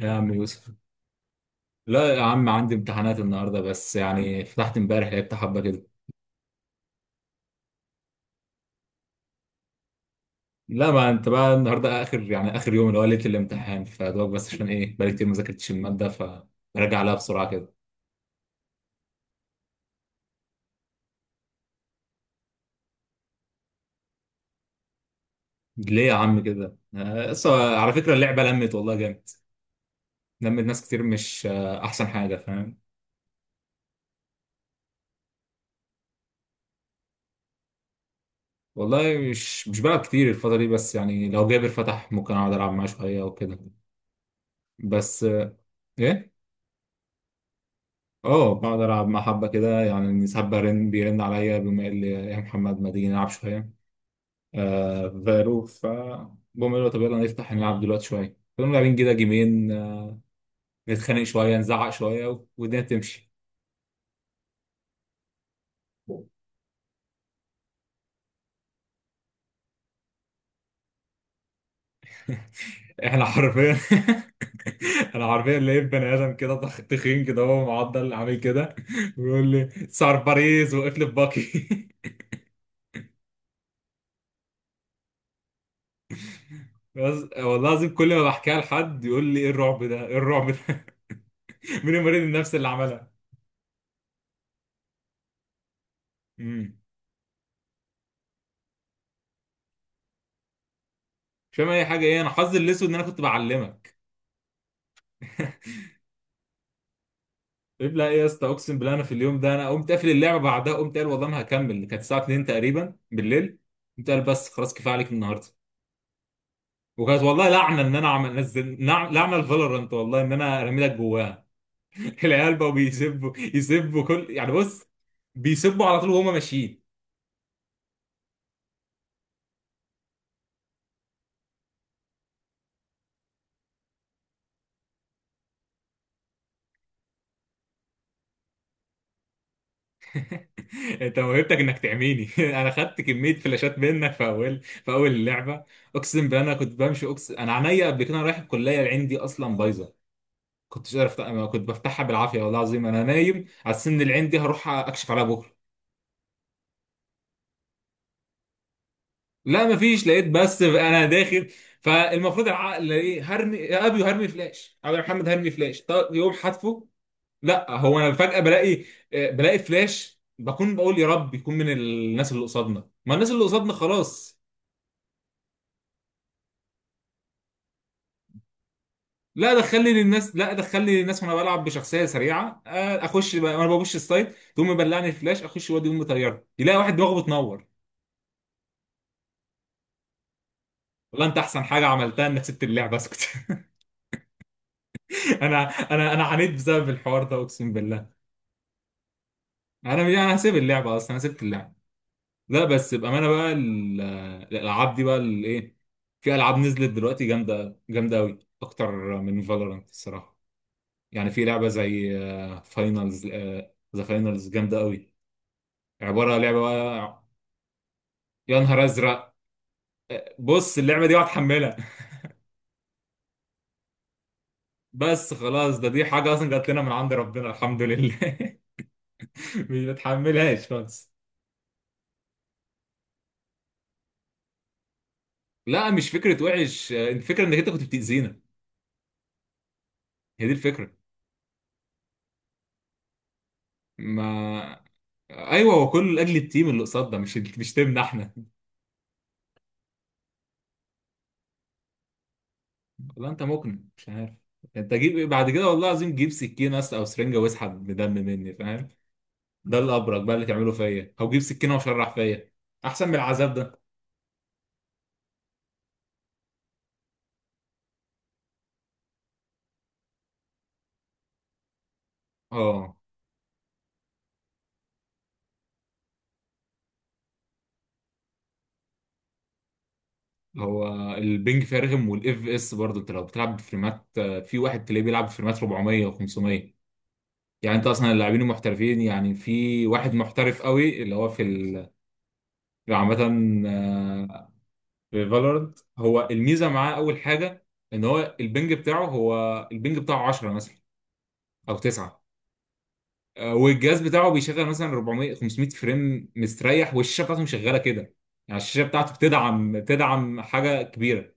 يا عم يوسف. لا يا عم عندي امتحانات النهارده، بس يعني فتحت امبارح لعبت حبه كده. لا، ما انت بقى النهارده اخر يعني اخر يوم اللي هو ليله الامتحان فدوك، بس عشان ايه؟ بقالي كتير ما ذاكرتش الماده، فراجع عليها بسرعه كده. ليه يا عم كده؟ أصل على فكره اللعبه لمت والله جامد. لمت ناس كتير، مش آه، احسن حاجه فاهم. والله مش بلعب كتير الفتره دي، بس يعني لو جابر فتح ممكن اقعد العب معاه شويه وكده. بس ايه. اه، بقعد العب مع حبه كده يعني، ساعات برن، بيرن عليا بيقوم قايل لي يا محمد ما تيجي نلعب شويه في فالو، بقوم قايل له طب يلا نفتح نلعب دلوقتي شويه، فنقوم لاعبين كده جيمين، نتخانق شويه نزعق شويه والدنيا تمشي. احنا حرفيا، انا حرفيا لقيت بني ادم كده تخين كده هو معضل عامل كده، ويقول لي سعر باريس وقف لي باكي. بس والله العظيم كل ما بحكيها لحد يقول لي ايه الرعب ده، ايه الرعب ده؟ مين المريض النفسي اللي عملها؟ امم مش فاهم اي حاجه. ايه، انا حظي الاسود ان انا كنت بعلمك. طيب، لا ايه يا اسطى، اقسم بالله انا في اليوم ده انا قمت قافل اللعبه، بعدها قمت قال والله ما هكمل، كانت الساعه 2 تقريبا بالليل. قمت قال بس خلاص كفايه عليك النهارده. وكانت والله لعنه، ان انا عمل نزل لعنه الفالورانت والله، ان انا رميلك جواها. العيال بقوا يسبوا كل يعني بص، بيسبوا على طول وهما ماشيين. انت موهبتك انك تعميني. انا خدت كميه فلاشات منك في اول اللعبه، اقسم بالله انا كنت بمشي اقسم، انا عينيا قبل كده، أنا رايح الكليه عندي اصلا بايظه، كنتش عارف، انا كنت بفتحها بالعافيه، والله العظيم انا نايم على السن العين دي، هروح اكشف عليها بكره. لا مفيش، لقيت بس انا داخل، فالمفروض العقل ايه؟ هرمي يا ابي، هرمي فلاش، ابي يا محمد هرمي فلاش، طب يقوم حذفه. لا، هو انا فجاه بلاقي، بلاقي فلاش، بكون بقول يا رب يكون من الناس اللي قصادنا، ما الناس اللي قصادنا خلاص. لا، دخلني للناس، لا دخلني للناس وانا بلعب بشخصيه سريعه، وانا ببش السايت تقوم مبلعني الفلاش، اخش وادي يقوم مطيرني، يلاقي واحد دماغه بتنور. والله انت احسن حاجه عملتها انك سبت اللعبه، اسكت. انا انا عانيت بسبب الحوار ده اقسم بالله. انا يعني انا هسيب اللعبه اصلا، انا سبت اللعبه. لا بس بامانه بقى، الالعاب دي بقى الايه، في العاب نزلت دلوقتي جامده جامده قوي، اكتر من فالورانت الصراحه. يعني في لعبه زي فاينلز، ذا فاينلز جامده قوي، عباره لعبه بقى. يا نهار ازرق، بص اللعبه دي هتحملها. بس خلاص، دي حاجه اصلا جات لنا من عند ربنا الحمد لله. مش بتحملهاش خالص. لا، مش فكرة وحش، الفكرة انك انت كنت بتأذينا، هي دي الفكرة. ما آه، ايوه، هو كله لاجل التيم اللي قصادنا، مش تيمنا احنا. والله انت مقنع، مش عارف انت جيب ايه بعد كده. والله العظيم جيب سكينة، او سرنجة واسحب بدم مني فاهم، ده الابرك بقى اللي تعمله فيا، او جيب سكينة وشرح فيا، احسن من العذاب ده. اه، هو البنج فيها رخم والاف اس برضه، انت لو بتلعب بفريمات، في واحد تلاقيه بيلعب بفريمات 400 و500. يعني انت اصلا اللاعبين المحترفين، يعني في واحد محترف قوي اللي هو في، يعني عامة، آه، في فالورنت هو الميزة معاه أول حاجة، إن هو البنج بتاعه 10 مثلا أو 9. والجهاز بتاعه بيشغل مثلا 400 500 فريم مستريح، والشاشة بتاعته مشغلة كده، يعني الشاشة بتاعته بتدعم حاجة كبيرة.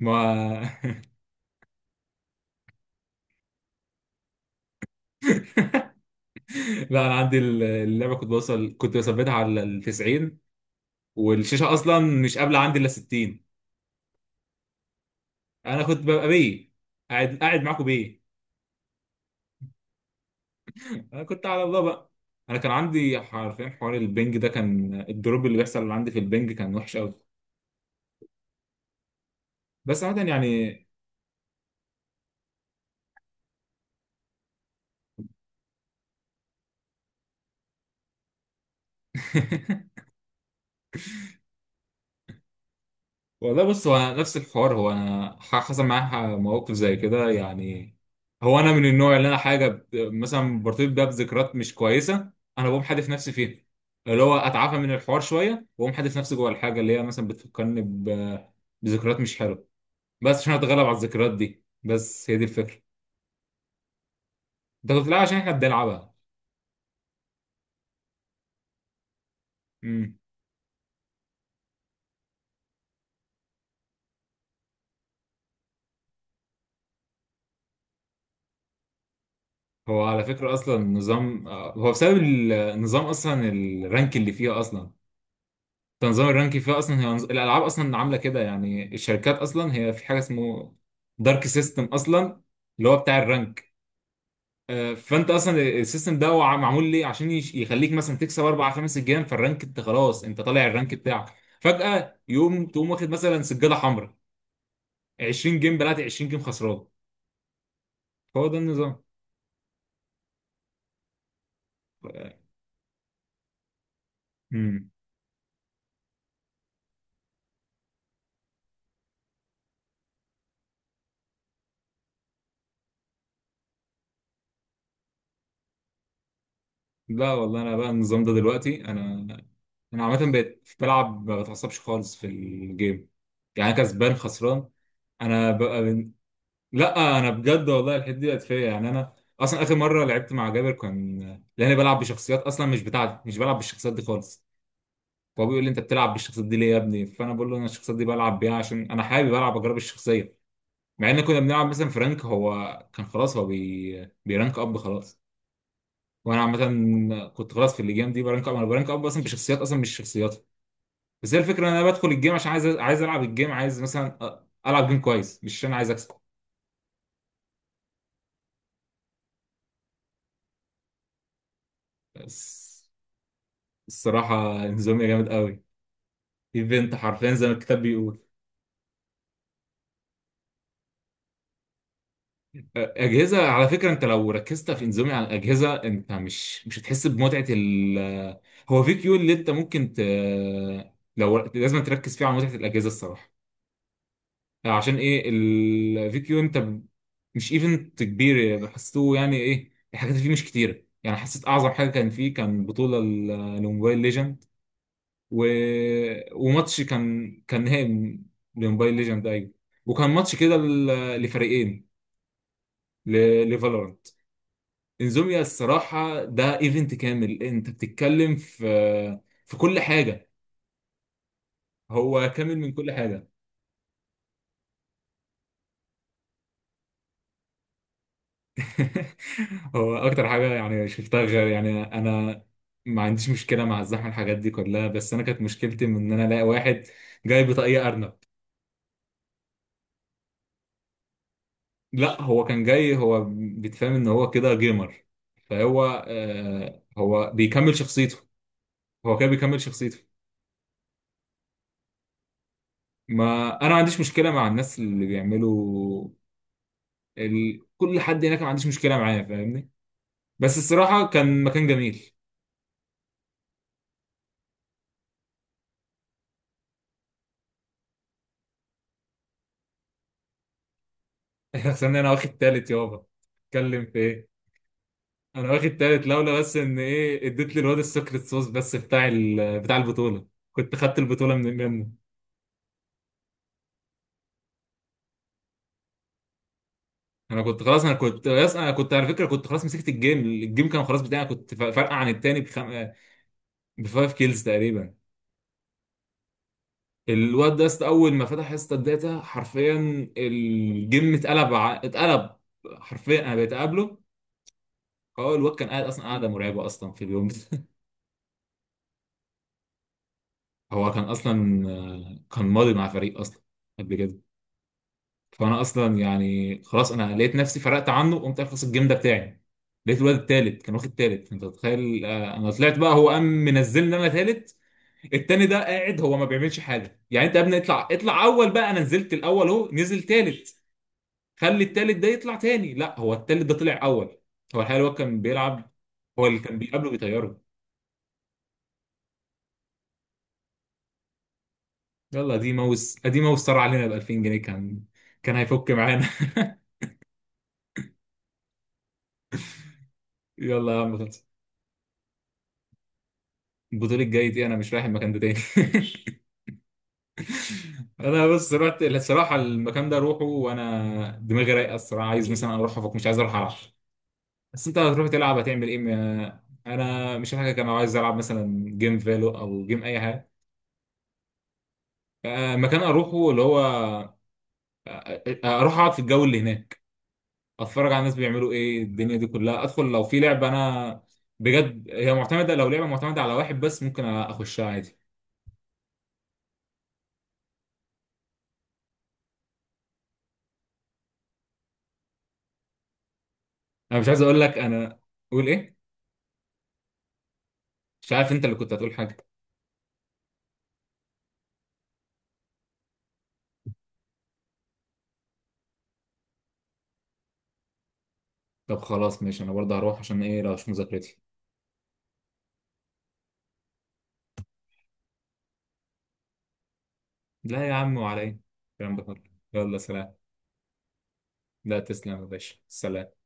ما، لا أنا عندي اللعبة، كنت بثبتها على ال 90، والشاشة أصلا مش قابلة عندي إلا 60. أنا كنت ببقى بيه، قاعد قاعد معاكم بيه. انا كنت على الله بقى، انا كان عندي حرفيا حوار البنج ده، كان الدروب اللي بيحصل اللي عندي في البنج كان وحش قوي، بس عامه يعني. والله بص، هو نفس الحوار، هو انا حصل معايا مواقف زي كده يعني، هو انا من النوع اللي انا حاجه مثلا برتبط بيها بذكريات مش كويسه، انا بقوم حادف نفسي فيها، اللي هو اتعافى من الحوار شويه واقوم حادف نفسي جوه الحاجه اللي هي مثلا بذكريات مش حلوه، بس عشان اتغلب على الذكريات دي، بس هي دي الفكره. ده كنت، لا عشان احنا بنلعبها. هو على فكرة أصلا نظام، هو بسبب النظام أصلا، الرانك اللي فيها أصلا، تنظيم الرانك فيها أصلا، هي الألعاب أصلا عاملة كده يعني، الشركات أصلا هي في حاجة اسمه دارك سيستم أصلا، اللي هو بتاع الرانك. فأنت أصلا السيستم ده هو معمول ليه عشان يخليك مثلا تكسب أربع خمس جيم، فالرانك أنت خلاص أنت طالع الرانك بتاعك، فجأة تقوم واخد مثلا سجادة حمراء، 20 جيم بلعت، 20 جيم خسران. هو ده النظام. لا والله انا بقى النظام ده دلوقتي، انا انا عامه بقيت بلعب ما بتعصبش خالص في الجيم، يعني كسبان خسران، انا بقى من... لا انا بجد والله الحته دي بقت فيا، يعني انا اصلا اخر مره لعبت مع جابر كان، لاني بلعب بشخصيات اصلا مش بتاعتي، مش بلعب بالشخصيات دي خالص، فهو بيقول لي انت بتلعب بالشخصيات دي ليه يا ابني، فانا بقول له انا الشخصيات دي بلعب بيها عشان انا حابب العب اجرب الشخصيه، مع ان كنا بنلعب مثلا فرانك، هو كان خلاص هو بيرانك اب خلاص، وانا عامه كنت خلاص في الجيم دي برانك اب، انا برانك اب اصلا بشخصيات اصلا مش شخصياتها، بس هي الفكره ان انا بدخل الجيم عشان عايز، العب الجيم، عايز مثلا العب جيم كويس، مش عشان عايز اكسب. بس الصراحه انزوميا جامد قوي، ايفنت حرفيا زي ما الكتاب بيقول. اجهزه على فكره، انت لو ركزت في انزوميا على الاجهزه انت مش هتحس بمتعه ال، هو في كيو اللي انت ممكن ت، لو لازم تركز فيه على متعه الاجهزه الصراحه. عشان ايه الفيديو انت مش ايفنت كبير يعني حسيته، يعني ايه الحاجات اللي فيه مش كتيره، يعني حسيت اعظم حاجه كان فيه كان بطوله لموبايل ليجند و... وماتش كان نهائي لموبايل ليجند ايوه، وكان ماتش كده لفريقين ل... لفالورانت. انزوميا الصراحه ده ايفنت كامل، انت بتتكلم في في كل حاجه، هو كامل من كل حاجه. هو اكتر حاجه يعني شفتها غير، يعني انا ما عنديش مشكله مع الزحمه الحاجات دي كلها، بس انا كانت مشكلتي من ان انا الاقي واحد جاي بطاقيه ارنب. لا هو كان جاي هو بيتفهم ان هو كده جيمر، فهو آه هو بيكمل شخصيته، هو كده بيكمل شخصيته، ما انا ما عنديش مشكله مع الناس اللي بيعملوا كل حد هناك ما عنديش مشكله معاه فاهمني، بس الصراحه كان مكان جميل. خسرني انا واخد تالت يابا، اتكلم في ايه؟ انا واخد تالت، لولا بس ان ايه، اديت للواد السكريت صوص، بس بتاع بتاع البطوله، كنت خدت البطوله منه. انا كنت على فكره، كنت خلاص مسكت الجيم، كان خلاص بتاعي، كنت فارقه عن التاني بفايف كيلز تقريبا. الواد ده اول ما فتح حصه الداتا حرفيا، الجيم اتقلب، حرفيا انا بقيت اقابله، هو الواد كان قاعد اصلا، قاعده مرعبه اصلا في اليوم ده. هو كان اصلا، كان ماضي مع فريق اصلا قبل كده، فانا اصلا يعني خلاص انا لقيت نفسي فرقت عنه، وقمت اخلص الجيم ده بتاعي، لقيت الواد التالت كان واخد تالت، فانت متخيل، انا طلعت بقى، هو قام منزلني انا تالت، التاني ده قاعد هو ما بيعملش حاجه، يعني انت يا ابني اطلع، اطلع اول بقى، انا نزلت الاول، اهو نزل تالت، خلي التالت ده يطلع تاني، لا هو التالت ده طلع اول، هو الحقيقه الواد كان بيلعب، هو اللي كان بيقابله بيطيره. يلا دي ماوس، ادي ماوس طار علينا ب 2000 جنيه، كان كان هيفك معانا. يلا يا عم خلص، البطولة الجاي دي انا مش رايح المكان ده تاني. انا بس رحت الصراحه المكان ده اروحه وانا دماغي رايقه الصراحه، عايز مثلا اروح افك، مش عايز اروح العب. بس انت هتروح تلعب هتعمل ايه؟ انا مش حاجه، كان عايز العب مثلا جيم فالو او جيم اي حاجه، مكان اروحه اللي هو، اروح اقعد في الجو اللي هناك، اتفرج على الناس بيعملوا ايه، الدنيا دي كلها، ادخل لو في لعبه انا بجد هي معتمده، لو لعبه معتمده على واحد بس ممكن اخشها عادي. انا مش عايز اقول لك، انا اقول ايه؟ مش عارف، انت اللي كنت هتقول حاجه. طب خلاص ماشي، انا برضه هروح عشان ايه لو مش مذاكرتي. لا يا عم، وعلى ايه الكلام ده كله؟ يلا سلام. لا تسلم يا باشا، سلام.